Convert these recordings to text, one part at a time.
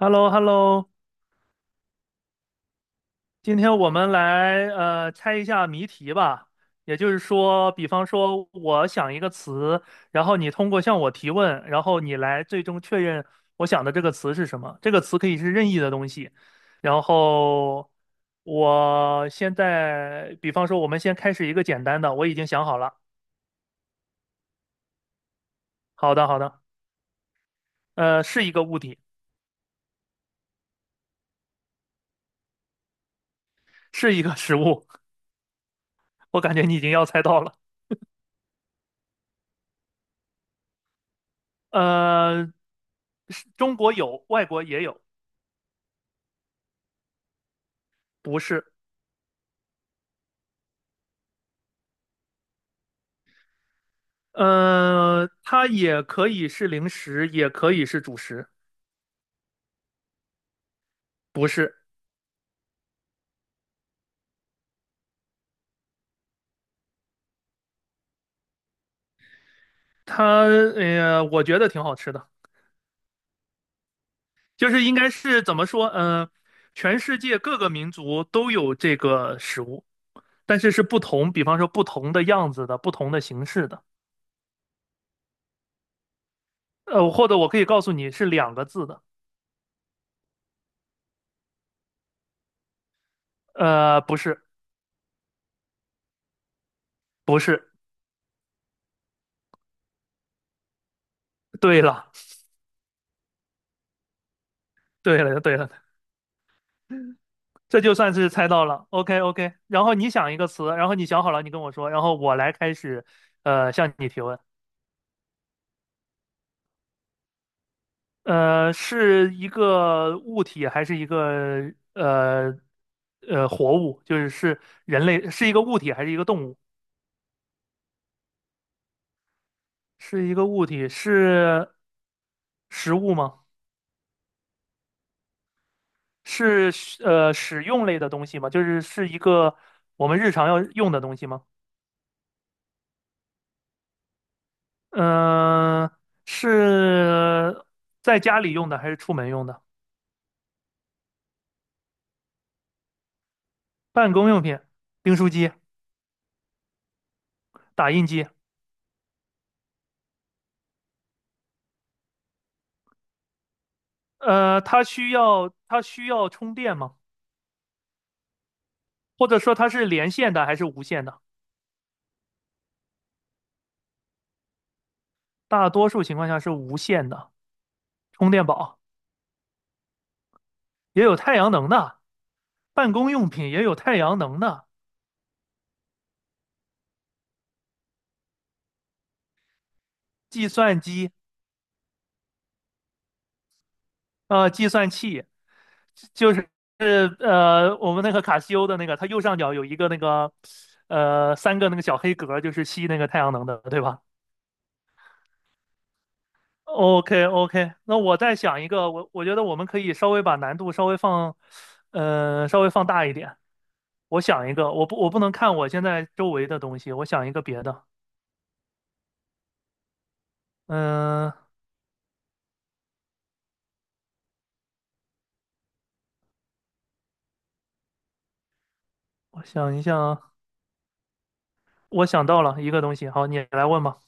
h e l l o h e l l o 今天我们来猜一下谜题吧。也就是说，比方说我想一个词，然后你通过向我提问，然后你来最终确认我想的这个词是什么。这个词可以是任意的东西。然后我现在，比方说我们先开始一个简单的，我已经想好了。好的，好的，是一个物体，是一个食物。我感觉你已经要猜到了。呃，是中国有，外国也有，不是。它也可以是零食，也可以是主食，不是它，我觉得挺好吃的，就是应该是怎么说，全世界各个民族都有这个食物，但是是不同，比方说不同的样子的，不同的形式的，或者我可以告诉你是两个字的，不是，不是，对了，对了，对了，这就算是猜到了。OK OK，然后你想一个词，然后你想好了，你跟我说，然后我来开始，向你提问。是一个物体还是一个活物？就是是人类，是一个物体还是一个动物？是一个物体，是食物吗？是使用类的东西吗？就是是一个我们日常要用的东西吗？嗯、是在家里用的还是出门用的？办公用品、订书机、打印机。它需要充电吗？或者说它是连线的还是无线的？大多数情况下是无线的，充电宝也有太阳能的，办公用品也有太阳能的，计算机计算器就是我们那个卡西欧的那个，它右上角有一个那个三个那个小黑格，就是吸那个太阳能的，对吧？OK OK，那我再想一个，我觉得我们可以稍微把难度稍微放，稍微放大一点。我想一个，我不能看我现在周围的东西，我想一个别的。嗯、我想一想，我想到了一个东西，好，你来问吧。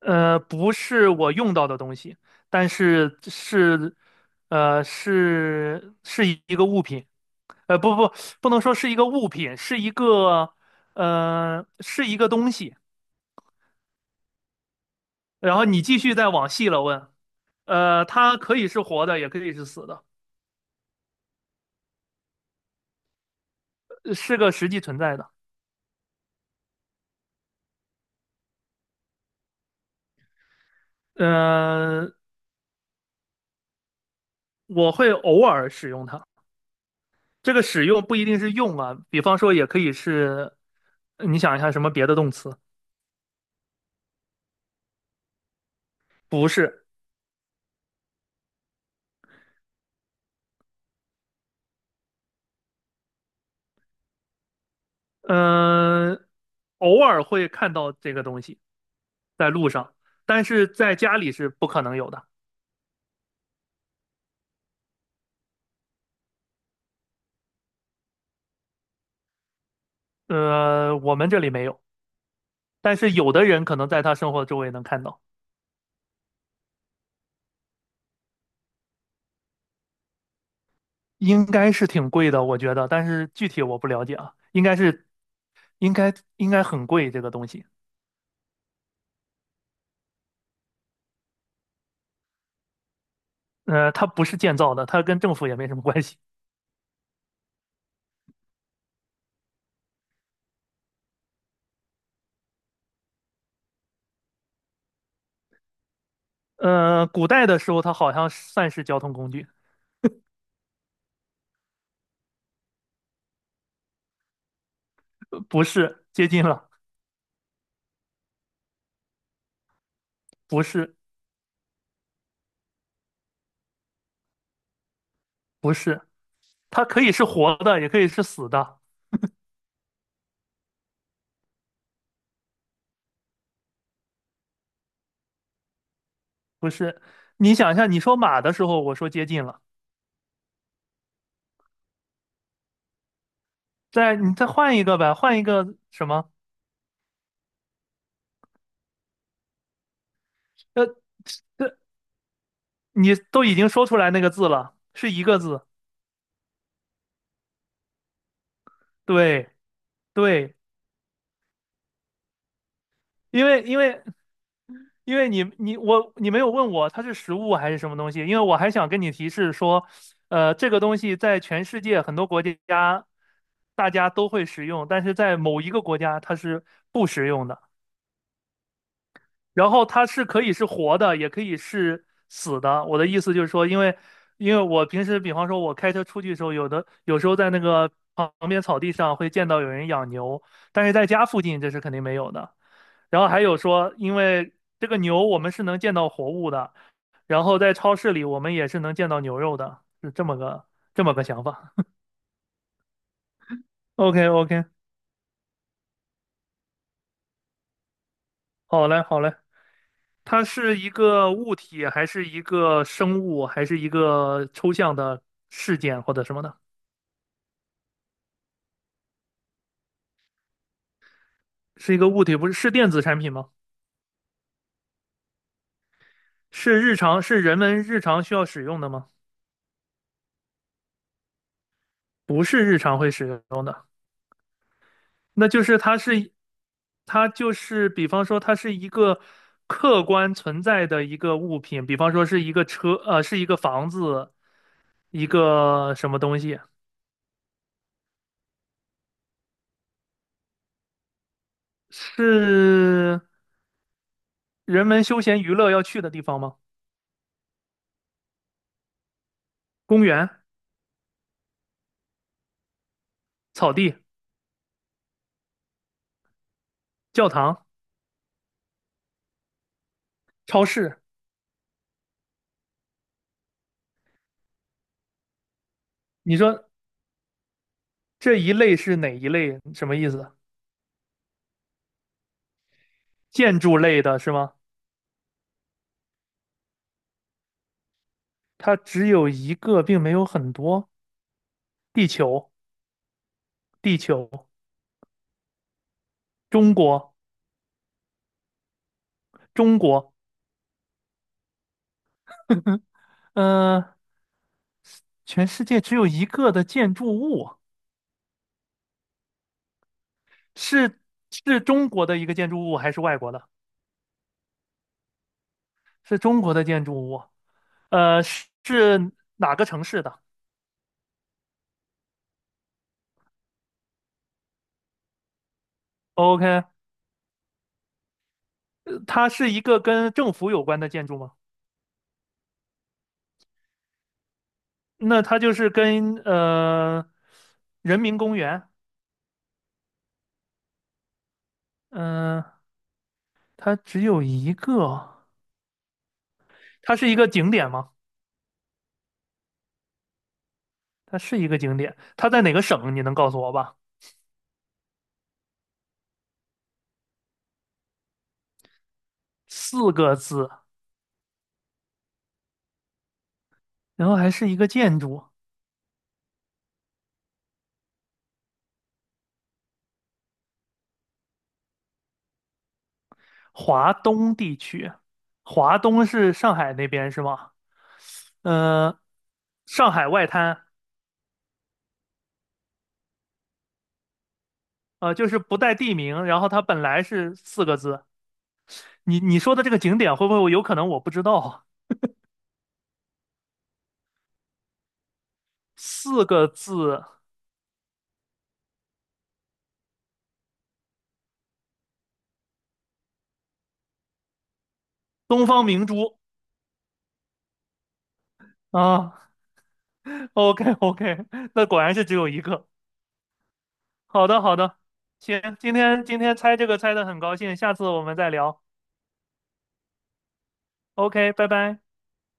不是我用到的东西，但是是，是一个物品。呃，不不，不能说是一个物品，是一个，是一个东西。然后你继续再往细了问，它可以是活的，也可以是死的，是个实际存在的。嗯、我会偶尔使用它，这个使用不一定是用啊，比方说也可以是，你想一下什么别的动词？不是，嗯、偶尔会看到这个东西在路上，但是在家里是不可能有的。我们这里没有，但是有的人可能在他生活周围能看到。应该是挺贵的，我觉得，但是具体我不了解啊，应该是应该很贵这个东西。它不是建造的，它跟政府也没什么关系。古代的时候它好像算是交通工具，不是，接近了，不是，不是，它可以是活的，也可以是死的。你想一下，你说马的时候，我说接近了，再换一个呗，换一个什么？呃，这你都已经说出来那个字了，是一个字，对对，因为因为你没有问我它是食物还是什么东西，因为我还想跟你提示说，这个东西在全世界很多国家大家都会使用，但是在某一个国家它是不食用的。然后它是可以是活的，也可以是死的。我的意思就是说，因为因为我平时比方说我开车出去的时候，有时候在那个旁边草地上会见到有人养牛，但是在家附近这是肯定没有的。然后还有说，因为这个牛我们是能见到活物的，然后在超市里我们也是能见到牛肉的，是这么个想法。OK OK，好嘞好嘞，它是一个物体，还是一个生物，还是一个抽象的事件或者什么的？是一个物体，不是，是电子产品吗？是日常是人们日常需要使用的吗？不是日常会使用的。那就是它是，它就是比方说它是一个客观存在的一个物品，比方说是一个车，是一个房子，一个什么东西，是人们休闲娱乐要去的地方吗？公园、草地、教堂、超市，你说这一类是哪一类？什么意思？建筑类的是吗？它只有一个，并没有很多。地球，地球，中国，中国，嗯、全世界只有一个的建筑物，是是中国的一个建筑物还是外国的？是中国的建筑物，哪个城市的？OK，它是一个跟政府有关的建筑吗？那它就是跟人民公园，嗯、它只有一个，它是一个景点吗？它是一个景点，它在哪个省？你能告诉我吧？四个字，然后还是一个建筑。华东地区，华东是上海那边是吗？嗯、上海外滩，就是不带地名，然后它本来是四个字。你你说的这个景点会不会有可能我不知道啊四个字，东方明珠啊。OK OK，OK，那果然是只有一个。好的好的，行，今天今天猜这个猜的很高兴，下次我们再聊。OK，拜拜。